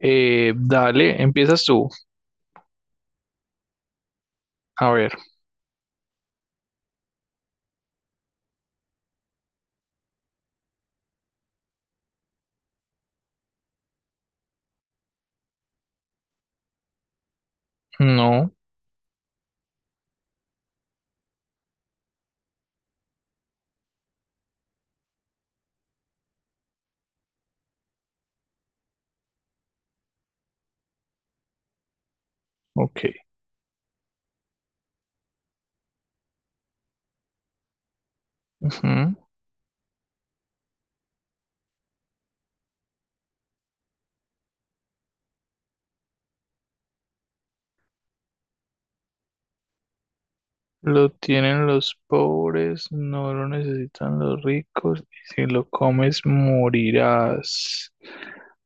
Dale, empiezas tú. A ver, no, ok. Ujú. Lo tienen los pobres, no lo necesitan los ricos, y si lo comes morirás.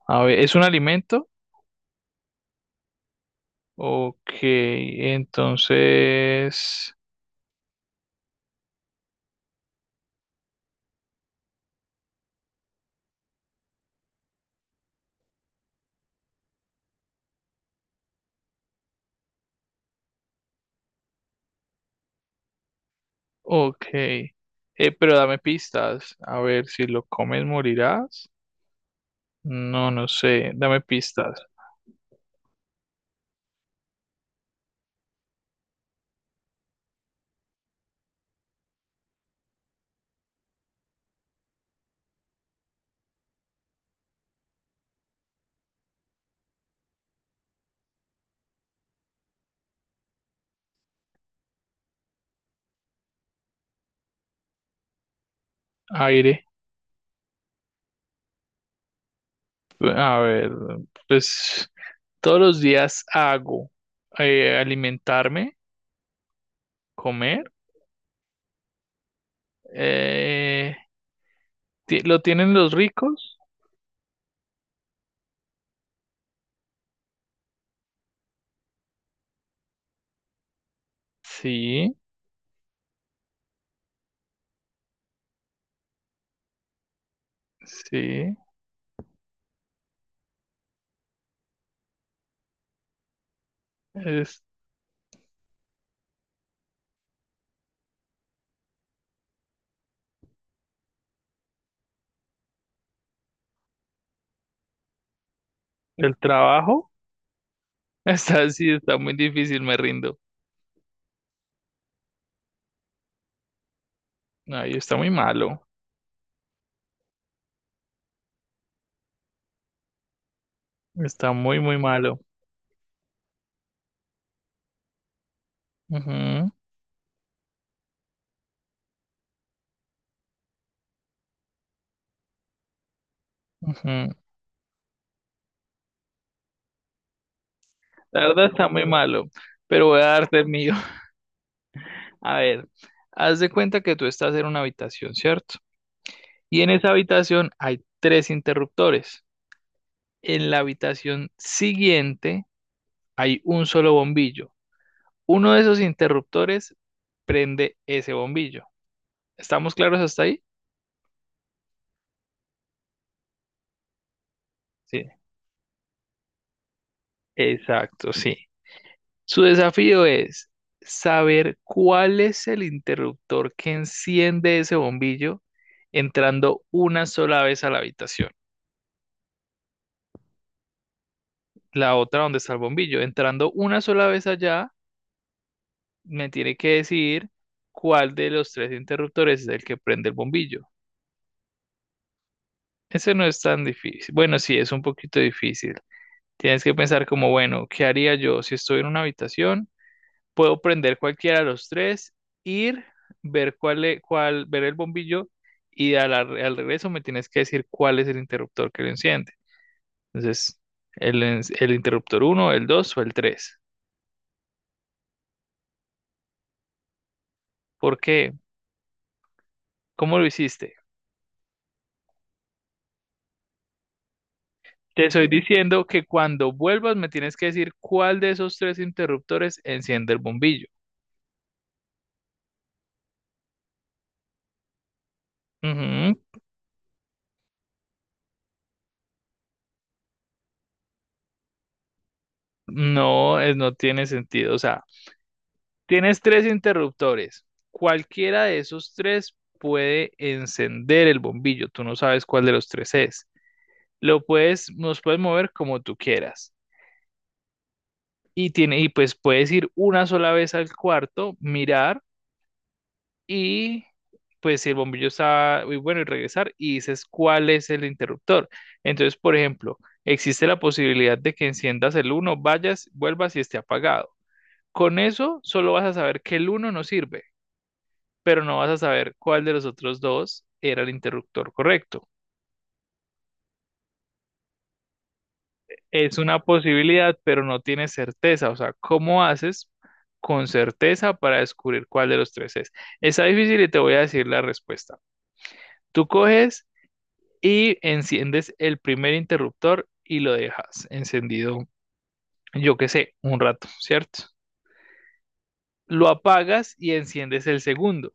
A ver, ¿es un alimento? Ok, entonces, ok. Pero dame pistas. A ver, si lo comes morirás. No, no sé. Dame pistas. Aire. A ver, pues todos los días hago alimentarme, comer. Eh, ¿Lo tienen los ricos? Sí, sí. Es el trabajo. Está así, está muy difícil, me rindo. Ay, está muy malo. Está muy, muy malo. Ujú, ujú. La verdad está muy malo, pero voy a darte el mío. A ver, haz de cuenta que tú estás en una habitación, ¿cierto? Y en esa habitación hay tres interruptores. En la habitación siguiente hay un solo bombillo. Uno de esos interruptores prende ese bombillo. ¿Estamos claros hasta ahí? Sí, exacto, sí. Su desafío es saber cuál es el interruptor que enciende ese bombillo entrando una sola vez a la habitación, la otra donde está el bombillo. Entrando una sola vez allá, me tiene que decir cuál de los tres interruptores es el que prende el bombillo. Ese no es tan difícil. Bueno, sí, es un poquito difícil. Tienes que pensar como, bueno, ¿qué haría yo si estoy en una habitación? Puedo prender cualquiera de los tres, ir, ver cuál, cuál, ver el bombillo y al regreso me tienes que decir cuál es el interruptor que lo enciende. Entonces, el interruptor uno, el 2 o el tres. ¿Por qué? ¿Cómo lo hiciste? Te estoy diciendo que cuando vuelvas me tienes que decir cuál de esos tres interruptores enciende el bombillo. Ujú. No, es, no tiene sentido. O sea, tienes tres interruptores. Cualquiera de esos tres puede encender el bombillo. Tú no sabes cuál de los tres es. Lo puedes, los puedes mover como tú quieras. Y tiene, y pues puedes ir una sola vez al cuarto, mirar y pues si el bombillo está muy bueno y regresar y dices cuál es el interruptor. Entonces, por ejemplo, existe la posibilidad de que enciendas el uno, vayas, vuelvas y esté apagado. Con eso solo vas a saber que el uno no sirve, pero no vas a saber cuál de los otros dos era el interruptor correcto. Es una posibilidad, pero no tienes certeza. O sea, ¿cómo haces con certeza para descubrir cuál de los tres es? Está difícil y te voy a decir la respuesta. Tú coges y enciendes el primer interruptor y lo dejas encendido, yo qué sé, un rato, ¿cierto? Lo apagas y enciendes el segundo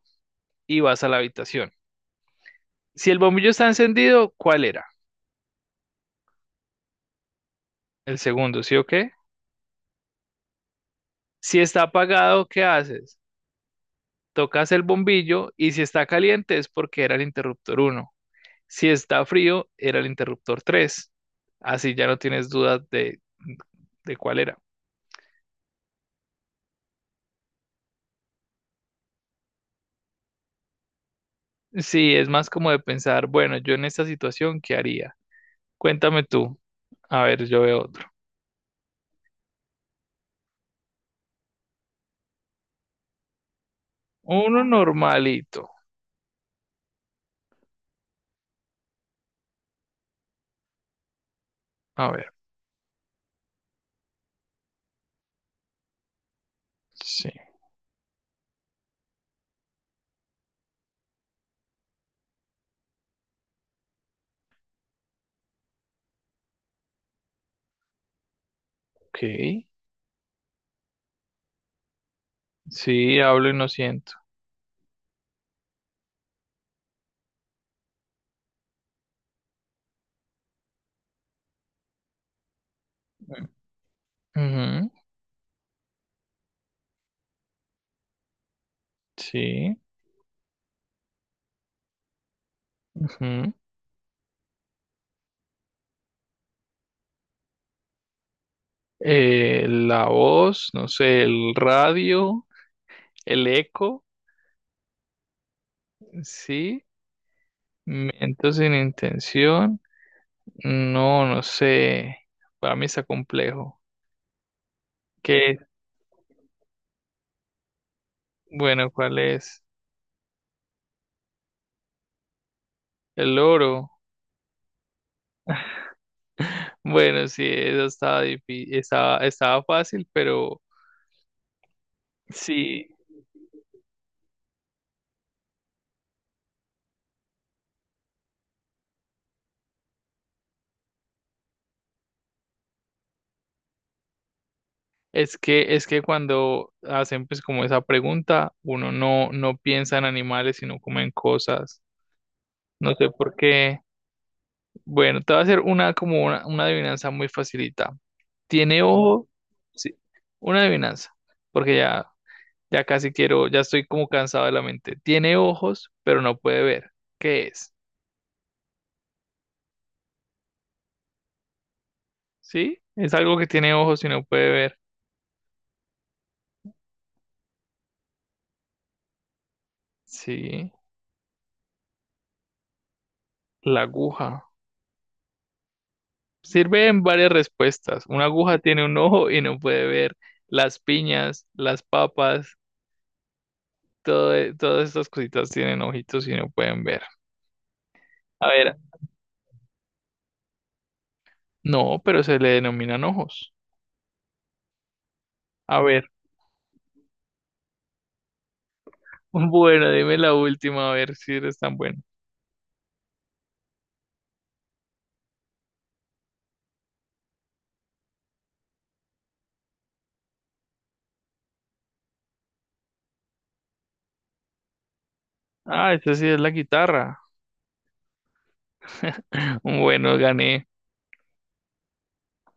y vas a la habitación. Si el bombillo está encendido, ¿cuál era? El segundo, ¿sí o qué? Si está apagado, ¿qué haces? Tocas el bombillo y si está caliente es porque era el interruptor uno. Si está frío, era el interruptor 3. Así ya no tienes dudas de cuál era. Sí, es más como de pensar, bueno, yo en esta situación, ¿qué haría? Cuéntame tú. A ver, yo veo otro. Uno normalito. A ver, sí, ok. Sí, hablo y no siento. Ujú, sí. Ujú. La voz, no sé, el radio. El eco, sí. Miento sin intención. No, no sé. Para mí está complejo. ¿Qué? Bueno, ¿cuál es? El oro. Bueno, sí, eso estaba estaba, estaba fácil, pero sí, es que cuando hacen pues como esa pregunta, uno no, no piensa en animales, sino como en cosas. No sé por qué. Bueno, te voy a hacer una como una adivinanza muy facilita. Tiene ojo. Sí, una adivinanza. Porque ya, ya casi quiero, ya estoy como cansado de la mente. Tiene ojos, pero no puede ver. ¿Qué es? ¿Sí? Es algo que tiene ojos y no puede ver. Sí, la aguja. Sirve en varias respuestas. Una aguja tiene un ojo y no puede ver. Las piñas, las papas, todo, todas estas cositas tienen ojitos y no pueden ver. A ver, no, pero se le denominan ojos. A ver, bueno, dime la última, a ver si eres tan bueno. Ah, esta sí es la guitarra. Bueno, gané.